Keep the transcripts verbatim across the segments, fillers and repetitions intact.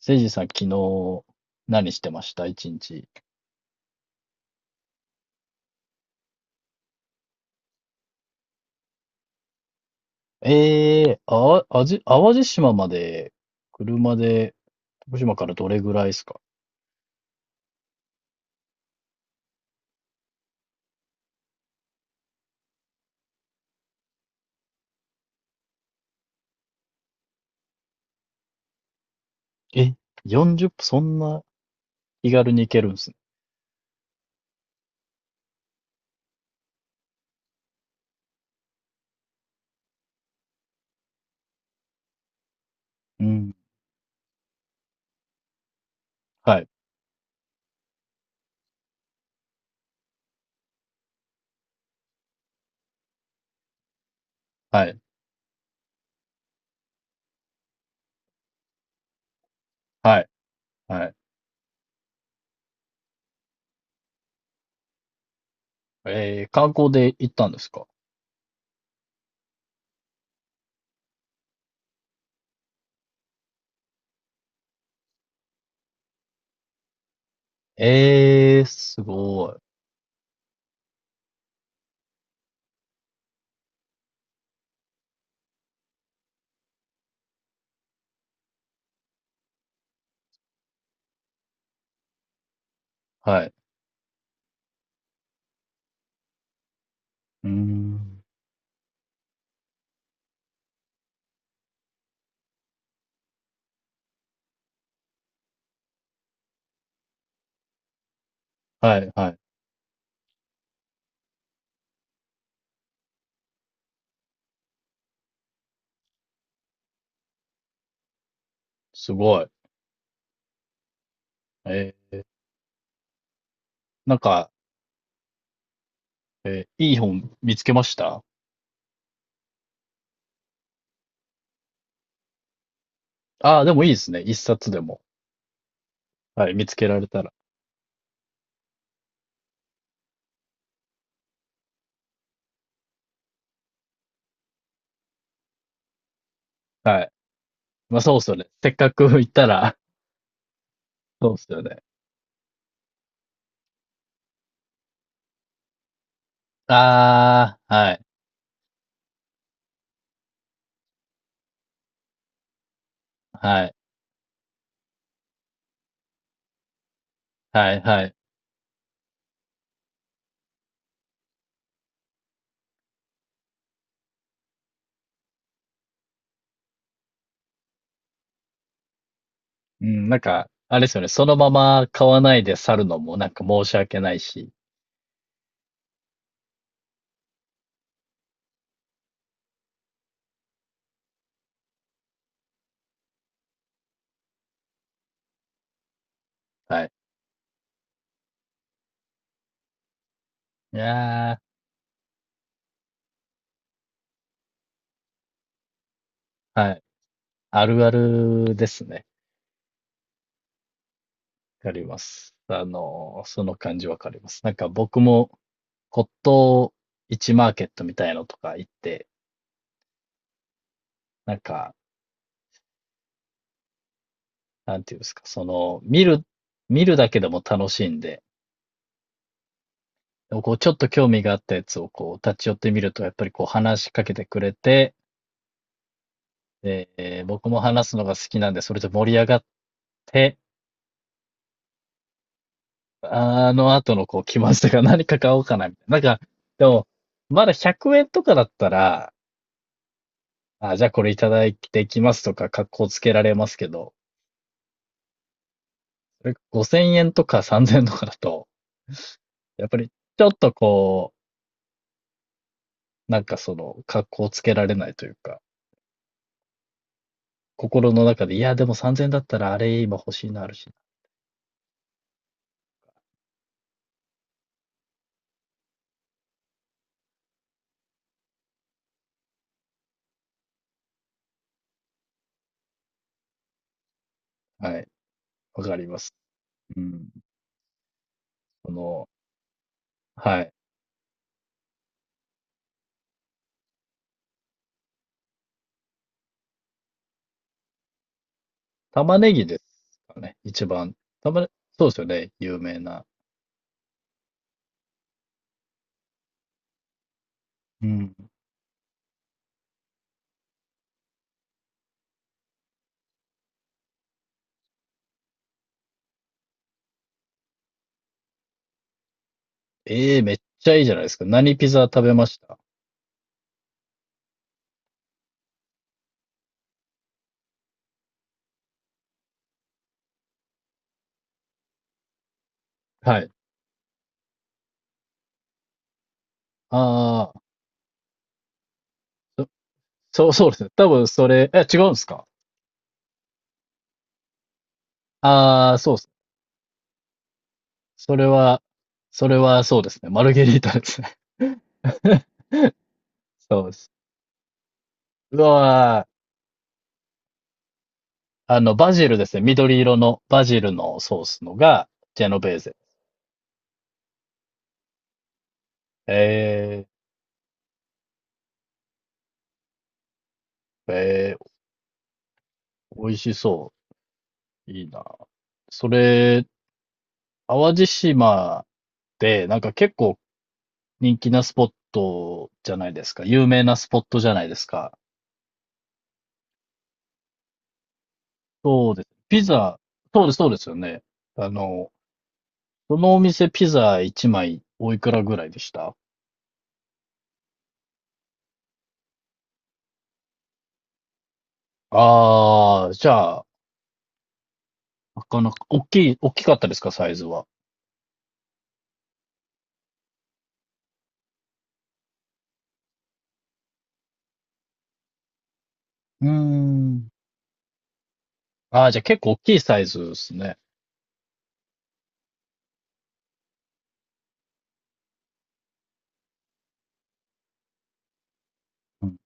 せいじさん、昨日、何してました一日？ええーあ、あじ、淡路島まで、車で、徳島からどれぐらいですか？え、よんじゅっぷん、そんな気軽に行けるんですね。うん。はい、はい、はい、はい。えー、観光で行ったんですか？ええ、すごい。はい。うーん。はい、はい。すごい。えー、なんか、えーいい本見つけました？ああー、でもいいですね。一冊でも。はい、見つけられたら。はい。まあそうっすよね。せっかく行ったら、そうっすよね。ああ、はい、はい、はい、はい。うん、なんか、あれですよね。そのまま買わないで去るのもなんか申し訳ないし。はい。いやー、はい。あるあるですね。わかります。あのー、その感じわかります。なんか僕も骨董市マーケットみたいのとか行って、なんか、なんていうんですか、その、見る、見るだけでも楽しいんで、でもこう、ちょっと興味があったやつをこう、立ち寄ってみると、やっぱりこう話しかけてくれて、えー僕も話すのが好きなんで、それで盛り上がって、あの後のこう、来ましたが何か買おうかな、みたいな。なんか、でも、まだひゃくえんとかだったら、あ、じゃあこれいただいてきますとか、格好つけられますけど、それごせんえんとかさんぜんえんとかだと、やっぱりちょっとこう、なんかその、格好つけられないというか、心の中で、いや、でもさんぜんえんだったらあれ今欲しいのあるし、はい。わかります。うん。その、はい。玉ねぎですかね。一番。玉ね、そうですよね。有名な。うん。ええ、めっちゃいいじゃないですか。何ピザ食べました？はい。ああ、そそう、そうですね。多分それ、え、違うんですか？ああー、そうです。それは、それはそうですね。マルゲリータですね。そうです。うわー、あの、バジルですね。緑色のバジルのソースのが、ジェノベーゼ。ええええ、美味しそう。いいな。それ、淡路島で、なんか結構人気なスポットじゃないですか。有名なスポットじゃないですか。そうです。ピザ、そうです、そうですよね。あの、そのお店ピザいちまいおいくらぐらいでした？ああ、じゃあ、なかなか、大きい、大きかったですか、サイズは。うーん。ああ、じゃあ結構大きいサイズですね。うん。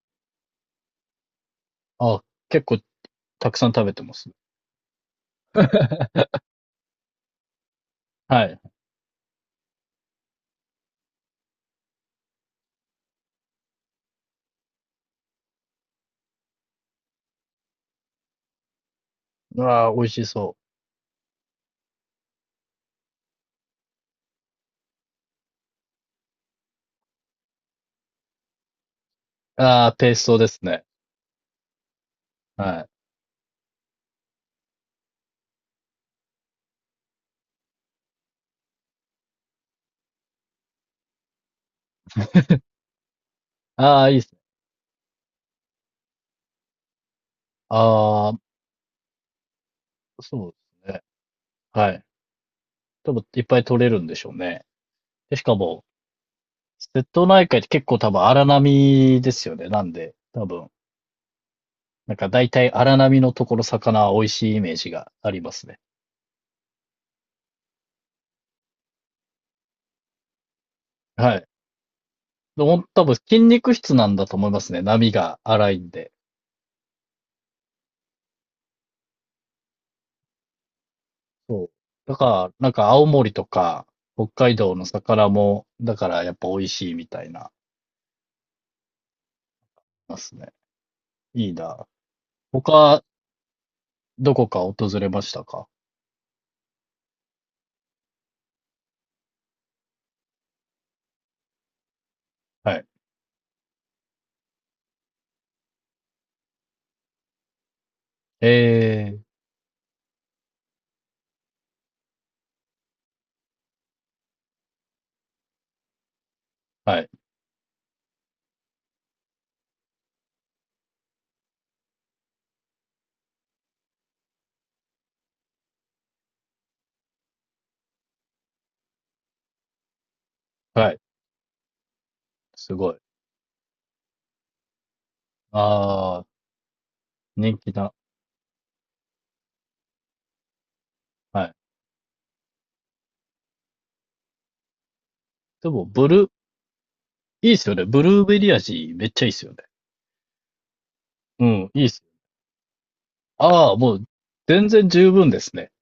あ、結構たくさん食べてます。はい。ああ、美味しそう。ああ、ペーストですね。はい。ああ、いいっすね。ああ、そうですね。はい。多分いっぱい取れるんでしょうね。で、しかも、瀬戸内海って結構多分荒波ですよね。なんで、多分、なんか大体荒波のところ魚は美味しいイメージがありますね。はい。でも多分筋肉質なんだと思いますね。波が荒いんで。そう。だから、なんか青森とか北海道の魚も、だからやっぱ美味しいみたいな、ますね。いいな。他、どこか訪れましたか？はい。ええ、はい、はい、すごい。ああ、人気だ。はい。でも、ブルー、いいっすよね。ブルーベリー味、めっちゃいいっすよね。うん、いいっす。ああ、もう、全然十分ですね。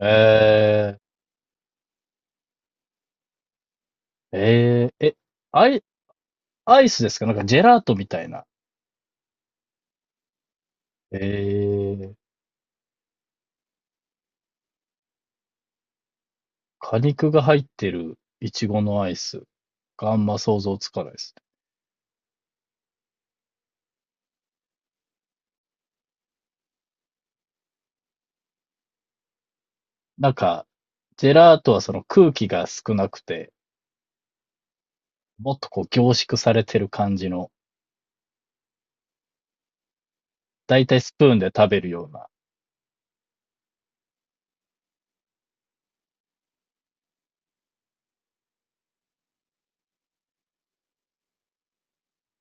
ええ、ええ、え、アイ、アイスですか？なんかジェラートみたいな。ええ、果肉が入ってるイチゴのアイスがあんま想像つかないですね。なんか、ジェラートはその空気が少なくて、もっとこう凝縮されてる感じの。だいたいスプーンで食べるような。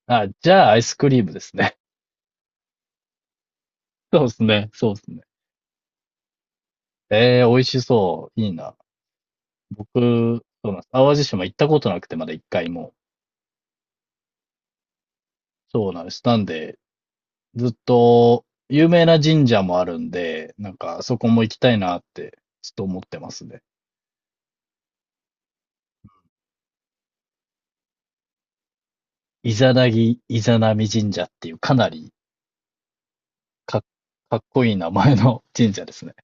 あ、じゃあアイスクリームですね。そうですね。そうですね。えー美味しそう。いいな。僕、そうなんです。淡路島行ったことなくて、まだ一回も。そうなんです。なんで、ずっと、有名な神社もあるんで、なんか、そこも行きたいなって、ちょっと思ってますね。イザナギ、イザナミ神社っていう、かなりか、かっこいい名前の 神社ですね。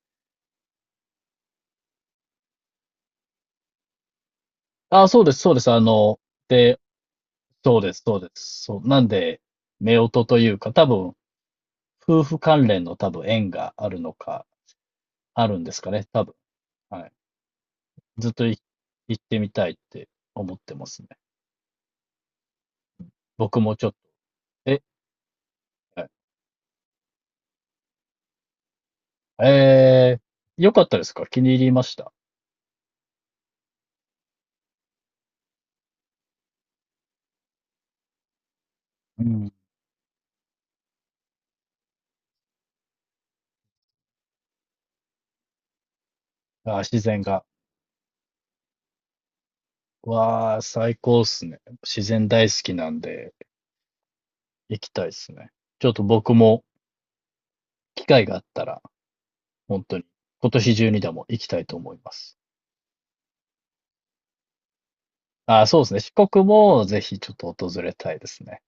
あ、そうです、そうです。あの、で、そうです、そうです。そう。なんで、夫婦というか、多分、夫婦関連の多分縁があるのか、あるんですかね、多分。はい。ずっとい行ってみたいって思ってますね。僕もちょっと。え、はい、えー、よかったですか？気に入りました？うん。あー、自然が。わあ、最高っすね。自然大好きなんで、行きたいっすね。ちょっと僕も機会があったら、本当に、今年中にでも行きたいと思います。ああ、そうですね。四国もぜひちょっと訪れたいですね。